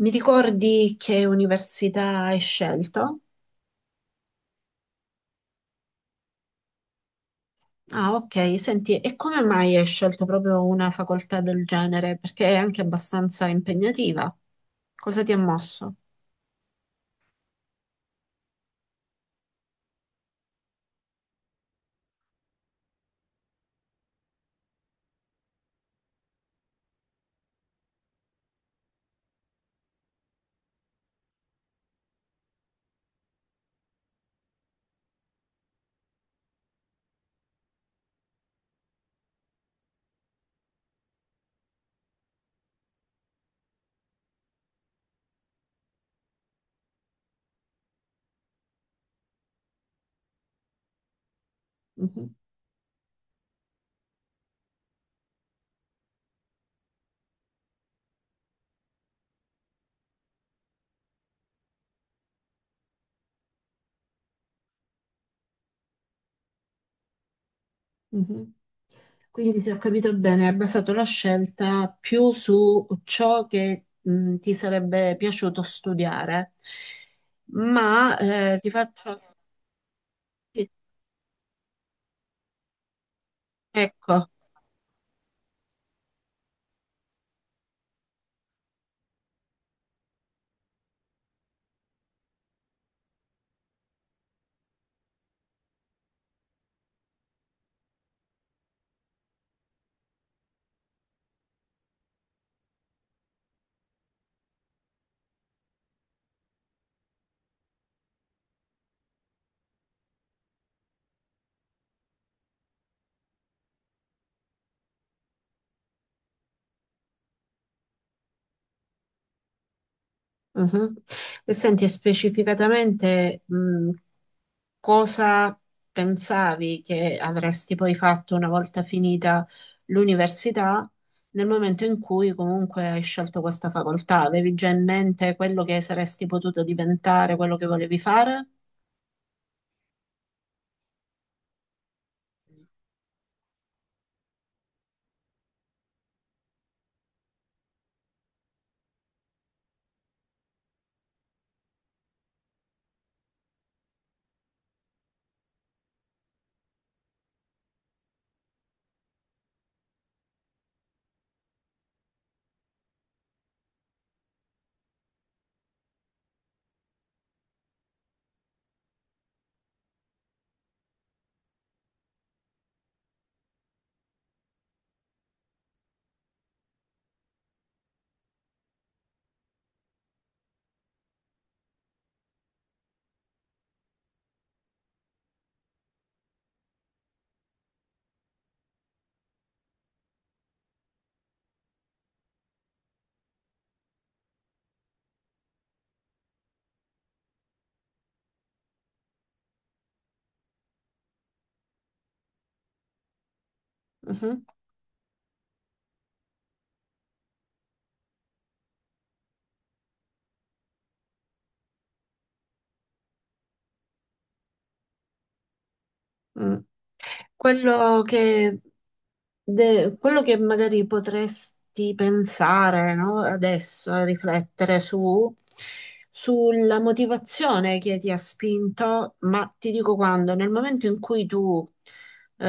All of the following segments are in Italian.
Mi ricordi che università hai scelto? Ah, ok, senti, e come mai hai scelto proprio una facoltà del genere? Perché è anche abbastanza impegnativa. Cosa ti ha mosso? Mhm. Mhm. Quindi, se ho capito bene, hai basato la scelta più su ciò che ti sarebbe piaciuto studiare. Ma ti faccio. Ecco. Mhm. E senti, e specificatamente, cosa pensavi che avresti poi fatto una volta finita l'università, nel momento in cui comunque hai scelto questa facoltà? Avevi già in mente quello che saresti potuto diventare, quello che volevi fare? Mhm. Mm. Quello che, quello che magari potresti pensare, no, adesso, riflettere su, sulla motivazione che ti ha spinto, ma ti dico quando, nel momento in cui tu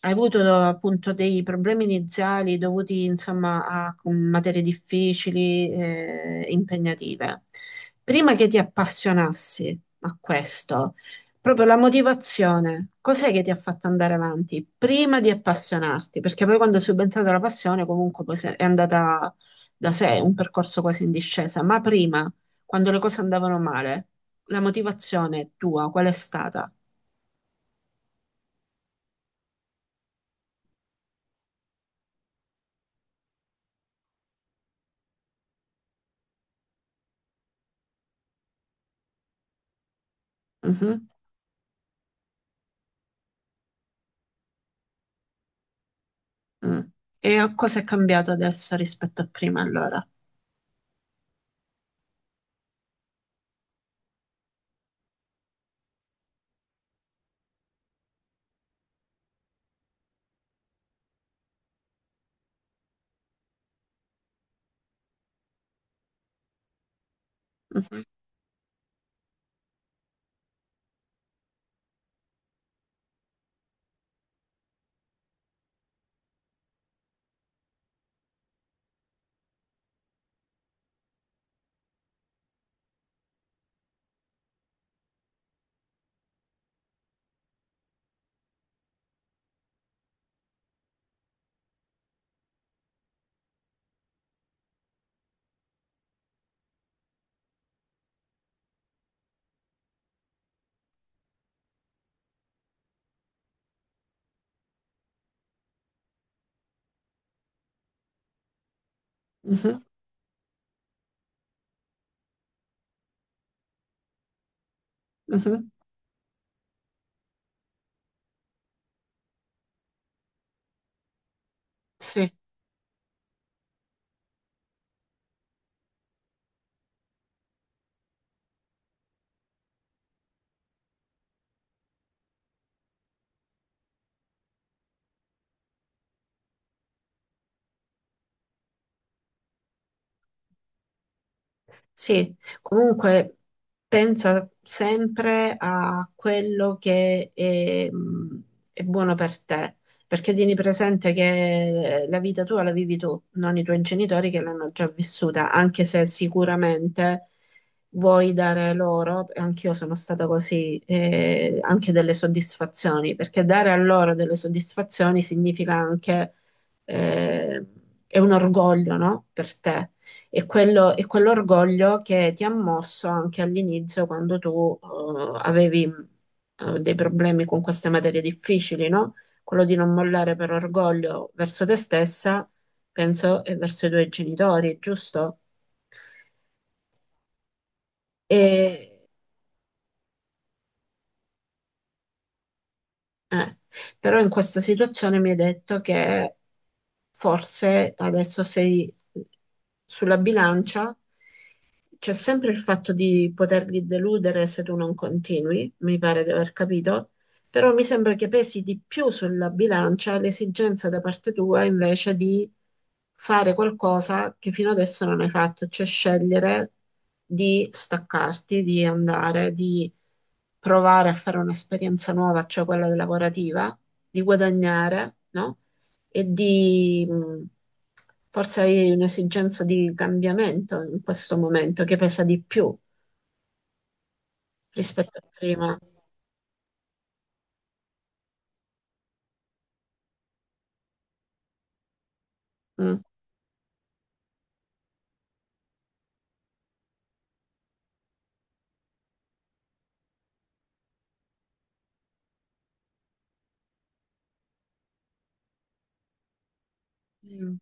hai avuto appunto dei problemi iniziali dovuti insomma a materie difficili, impegnative, prima che ti appassionassi a questo. Proprio la motivazione, cos'è che ti ha fatto andare avanti prima di appassionarti? Perché poi quando è subentrata la passione, comunque poi è andata da sé, un percorso quasi in discesa, ma prima, quando le cose andavano male, la motivazione tua qual è stata? Mhm. Mm. E a cosa è cambiato adesso rispetto a prima allora? Mhm. Mhm. Mhm. Sì. Sì, comunque pensa sempre a quello che è buono per te, perché tieni presente che la vita tua la vivi tu, non i tuoi genitori che l'hanno già vissuta, anche se sicuramente vuoi dare loro, anch'io sono stata così, anche delle soddisfazioni, perché dare a loro delle soddisfazioni significa anche eh, è un orgoglio, no? Per te e quello, e quell'orgoglio che ti ha mosso anche all'inizio quando tu avevi dei problemi con queste materie difficili, no? Quello di non mollare per orgoglio verso te stessa, penso, e verso i tuoi genitori, giusto? E, Eh, però in questa situazione mi hai detto che forse adesso sei sulla bilancia, c'è sempre il fatto di poterli deludere se tu non continui, mi pare di aver capito, però mi sembra che pesi di più sulla bilancia l'esigenza da parte tua invece di fare qualcosa che fino adesso non hai fatto, cioè scegliere di staccarti, di andare, di provare a fare un'esperienza nuova, cioè quella lavorativa, di guadagnare, no? E di forse hai un'esigenza di cambiamento in questo momento che pesa di più rispetto a prima. Mm. Mm.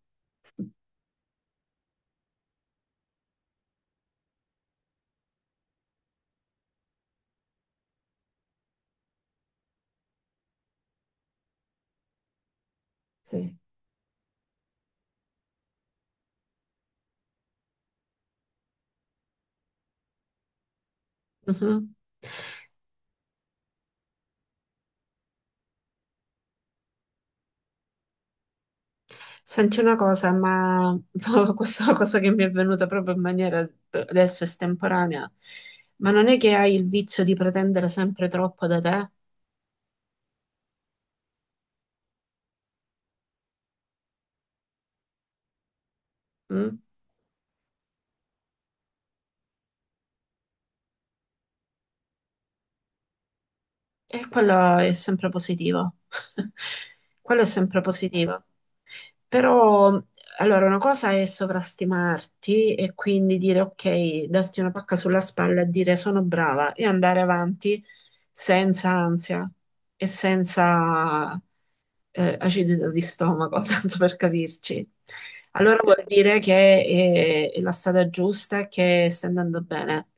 Sì. Mhm. Senti una cosa, ma questa è una cosa che mi è venuta proprio in maniera adesso estemporanea, ma non è che hai il vizio di pretendere sempre troppo da te? Mm? E quello è sempre positivo. Quello è sempre positivo. Però, allora, una cosa è sovrastimarti e quindi dire ok, darti una pacca sulla spalla e dire sono brava e andare avanti senza ansia e senza acidità di stomaco, tanto per capirci. Allora vuol dire che è la strada giusta e che sta andando bene.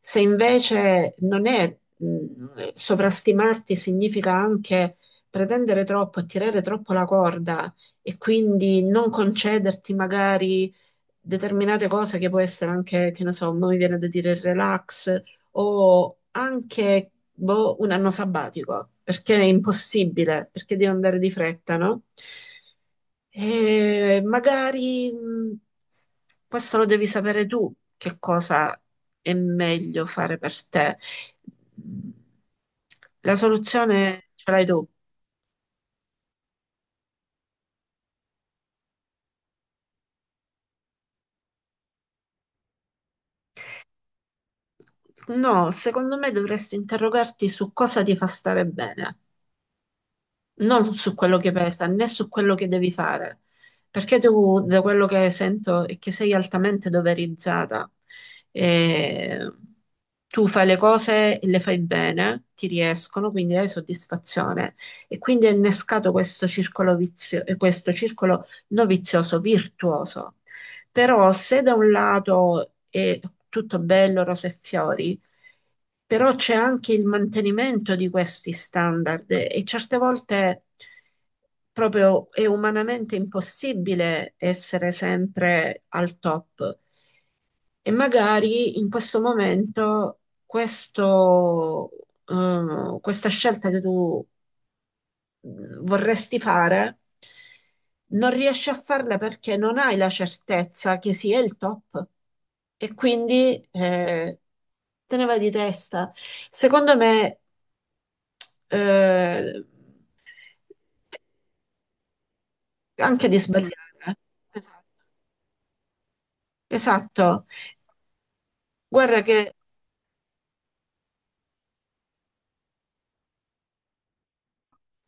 Se invece non è, sovrastimarti significa anche pretendere troppo e tirare troppo la corda e quindi non concederti magari determinate cose che può essere anche, che ne so, mi viene da dire il relax, o anche boh, un anno sabbatico, perché è impossibile, perché devo andare di fretta, no? E magari questo lo devi sapere tu, che cosa è meglio fare per te. La soluzione ce l'hai tu. No, secondo me dovresti interrogarti su cosa ti fa stare bene, non su quello che pesa, né su quello che devi fare, perché tu, da quello che sento, è che sei altamente doverizzata. E tu fai le cose e le fai bene, ti riescono, quindi hai soddisfazione. E quindi è innescato questo circolo non vizioso, virtuoso. Però se da un lato è tutto bello, rose e fiori, però c'è anche il mantenimento di questi standard e certe volte proprio è umanamente impossibile essere sempre al top. E magari in questo momento questo, questa scelta che tu vorresti fare, non riesci a farle perché non hai la certezza che sia il top e quindi te ne vai di testa. Secondo me, eh, anche di sbagliare. Esatto. Esatto. Guarda che.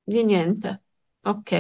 Di niente. Ok.